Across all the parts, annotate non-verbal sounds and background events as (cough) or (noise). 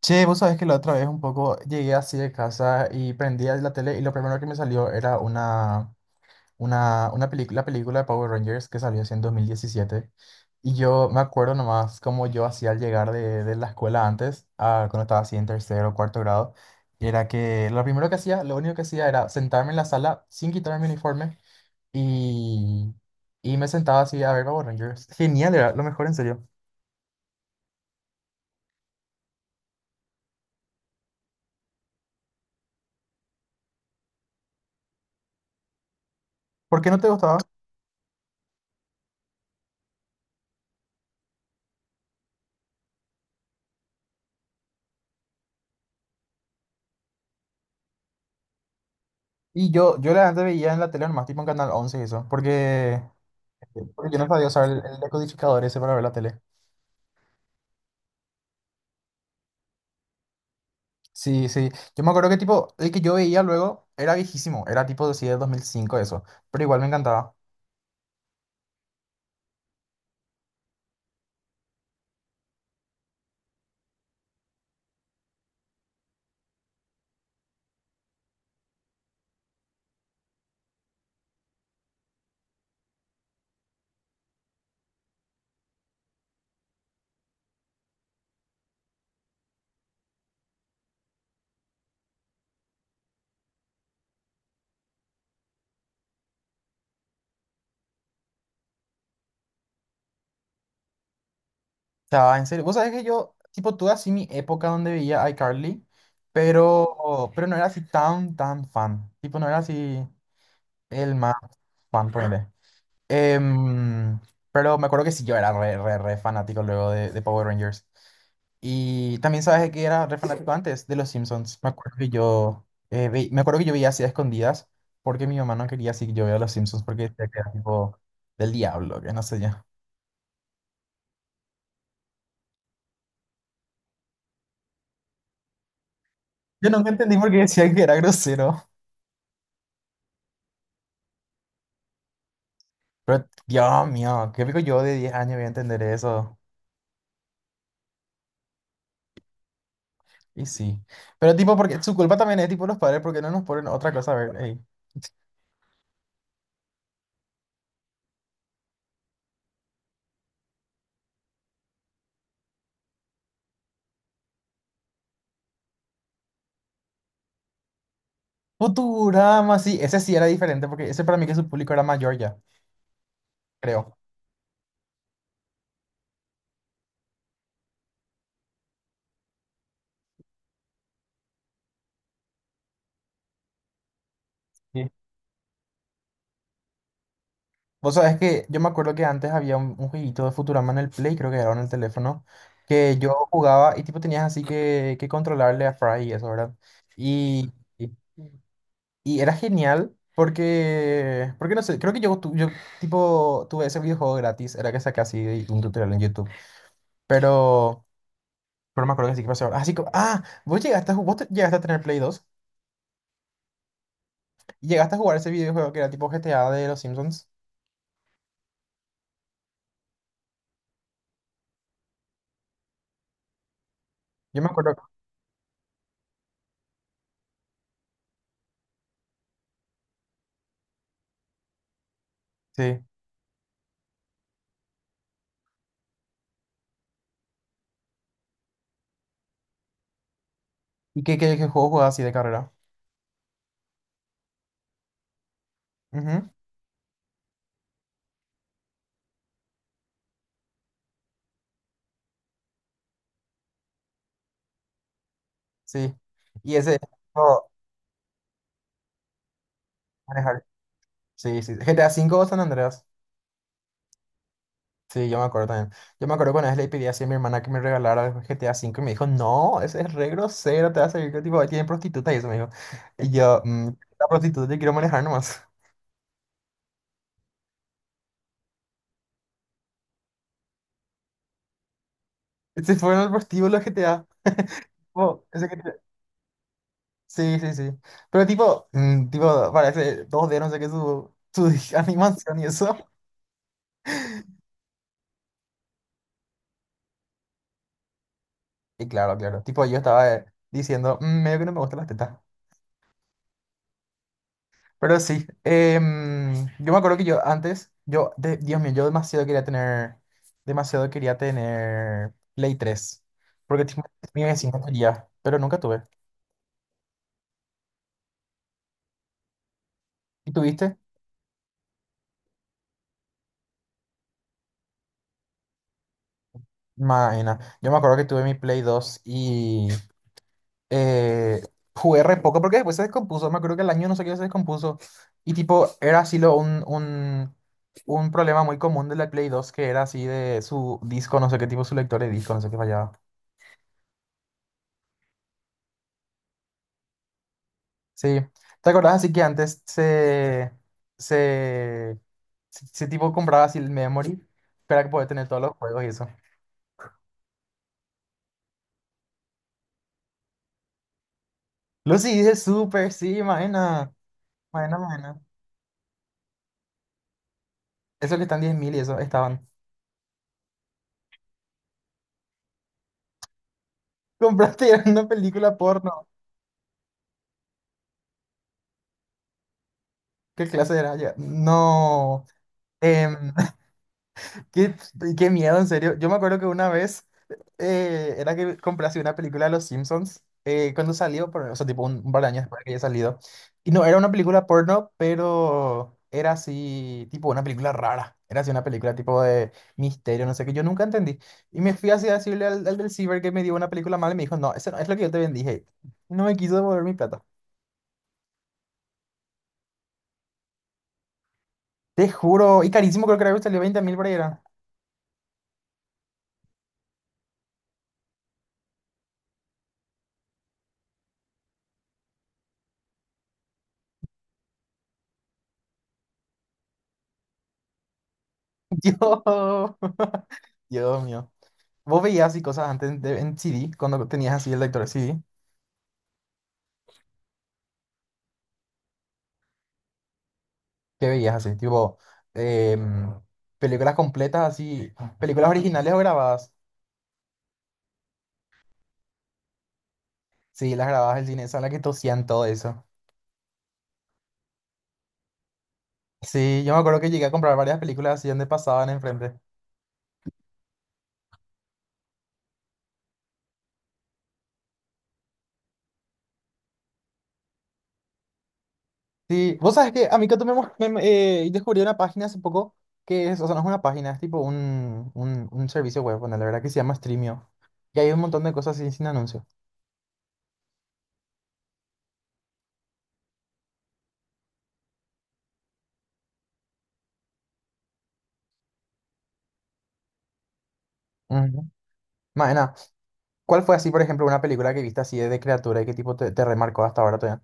Che, vos sabés que la otra vez un poco llegué así de casa y prendí la tele, y lo primero que me salió era una película, la película de Power Rangers que salió así en 2017. Y yo me acuerdo nomás como yo hacía al llegar de la escuela antes, cuando estaba así en tercero o cuarto grado, era que lo primero que hacía, lo único que hacía era sentarme en la sala sin quitarme mi uniforme, y, y me sentaba así a ver Power Rangers. Genial, era lo mejor en serio. ¿Por qué no te gustaba? Y yo la antes veía en la tele nomás, tipo en Canal 11 y eso, porque yo no sabía usar el decodificador ese para ver la tele. Sí, sí. Yo me acuerdo que tipo, el que yo veía luego era viejísimo, era tipo de sí, del 2005 eso, pero igual me encantaba. O sea, en serio, vos sabés que yo, tipo, tuve así mi época donde veía iCarly, pero no era así tan, tan fan. Tipo, no era así el más fan, Em, pero me acuerdo que sí, yo era re fanático luego de Power Rangers. Y también sabes de que era re fanático antes de los Simpsons. Me acuerdo que yo veía así a escondidas, porque mi mamá no quería así que yo vea los Simpsons, porque decía que era tipo del diablo, que no sé yo. Yo nunca entendí por qué decían que era grosero. Pero Dios mío, qué pico yo de 10 años voy a entender eso. Y sí. Pero tipo, porque su culpa también es tipo los padres, porque no nos ponen otra cosa a ver. Futurama, sí, ese sí era diferente porque ese para mí que su público era mayor ya, creo. Sí. Vos sabés que yo me acuerdo que antes había un jueguito de Futurama en el Play, creo que era, o en el teléfono, que yo jugaba y tipo tenías así que controlarle a Fry y eso, ¿verdad? Y, y, y era genial porque no sé, creo que yo tipo tuve ese videojuego gratis, era que saqué así de un tutorial en YouTube, pero, pero me acuerdo que sí que pasó. Así que, ah, vos llegaste, a ju- vos te- ¿Llegaste a tener Play 2? ¿Llegaste a jugar ese videojuego que era tipo GTA de los Simpsons? Yo me acuerdo. Sí. ¿Y qué juego jugabas así de carrera? Ujú. Sí. Y ese... oh, manejar. Sí, sí. GTA 5 o San Andreas. Sí, yo me acuerdo también. Yo me acuerdo cuando vez le pedí así a mi hermana que me regalara el GTA 5 y me dijo, no, ese es re grosero, te va a servir que tipo, ahí tienen prostitutas y eso, me dijo. Y yo, la prostituta, yo quiero manejar nomás. (laughs) Ese fue en el prostíbulo GTA. Tipo, ese Sí, sí, sí. Pero tipo, tipo, parece 2D no sé qué, su (laughs) animación y eso. Y claro, claro. Tipo, yo estaba diciendo, medio que no me gustan las tetas. Pero sí, yo me acuerdo que yo antes, yo, de- Dios mío, yo demasiado quería tener Play 3. Porque tipo, mi vecino quería, pero nunca tuve. ¿Y tuviste? Maena. Yo me acuerdo que tuve mi Play 2 y eh, jugué re poco porque después se descompuso. Me acuerdo que el año no sé qué se descompuso. Y tipo, era así un problema muy común de la Play 2, que era así de su disco, no sé qué tipo, su lector de disco, no sé qué fallaba. Sí. ¿Te acordás así que antes se, se tipo compraba así el memory para que poder tener todos los juegos y eso? Lucy dice súper, sí, maena. Maena, maena. Eso que están 10.000 y eso, estaban. (laughs) Compraste una película porno. ¿Qué clase era? Ya, no. em, (laughs) qué, qué miedo, en serio. Yo me acuerdo que una vez era que compré así una película de Los Simpsons, cuando salió, o sea, tipo un par de años después de que haya salido. Y no, era una película porno, pero era así, tipo una película rara. Era así una película tipo de misterio, no sé qué. Yo nunca entendí. Y me fui así a decirle al del ciber que me dio una película mala, y me dijo, no, eso no es lo que yo te vendí, hey. Y no me quiso devolver mi plata. Te juro. Y carísimo, creo que era que salió 20.000 por ahí. Era. (laughs) Yo. Dios mío. ¿Vos veías así cosas en CD, cuando tenías así el lector de CD? ¿Qué veías así? Tipo, em, películas completas así, películas originales o grabadas. Sí, las grabadas del cine, son las que tosían todo eso. Sí, yo me acuerdo que llegué a comprar varias películas así donde pasaban enfrente. Sí, vos sabes que a mí que tú me, mos- me- me- descubrí una página hace poco, que es, o sea, no es una página, es tipo un servicio web, bueno, la verdad que se llama Streamio. Y hay un montón de cosas así sin anuncio. Ujú. Maena, ¿cuál fue así, por ejemplo, una película que viste así de criatura y qué tipo te remarcó hasta ahora todavía?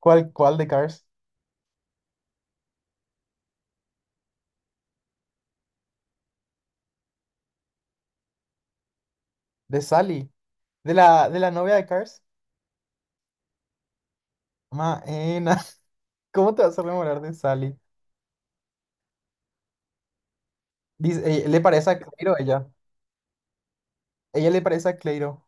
¿Cuál de Cars? De Sally. De la novia de Cars. Maena. (laughs) ¿Cómo te vas a rememorar de Sally? Dice, le parece a Clairo ella. Ella le parece a Clairo.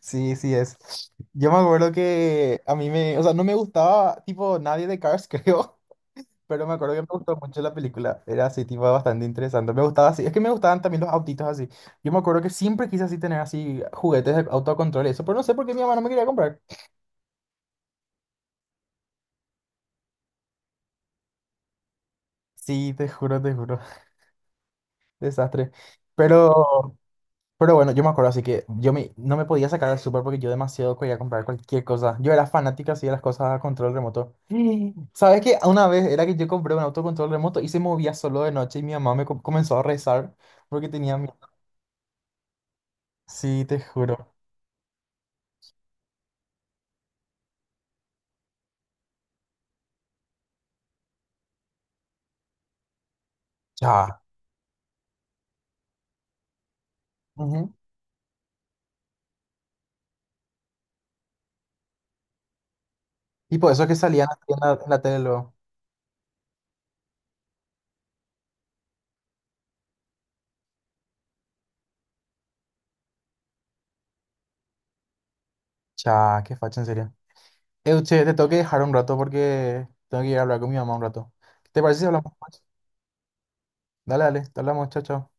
Sí, sí es. Yo me acuerdo que a mí me, o sea, no me gustaba tipo nadie de Cars, (laughs) creo. Pero me acuerdo que me gustó mucho la película. Era así, tipo, bastante interesante. Me gustaba así. Es que me gustaban también los autitos así. Yo me acuerdo que siempre quise así tener así juguetes de autocontrol y eso. Pero no sé por qué mi mamá no me quería comprar. Sí, te juro, te juro. (laughs) Desastre. Pero, pero bueno, yo me acuerdo así que no me podía sacar al súper porque yo demasiado quería comprar cualquier cosa. Yo era fanática así de las cosas a control remoto. (gasps) Sí. ¿Sabes qué? Una vez era que yo compré un autocontrol remoto y se movía solo de noche, y mi mamá me comenzó a rezar porque tenía miedo. Sí, te juro. Ya. Ujú. Y por eso es que salían en la tele luego. Cha, qué facha, en serio. Euche, te tengo que dejar un rato porque tengo que ir a hablar con mi mamá un rato. ¿Te parece si hablamos después? Dale, dale, te hablamos, chao, chao.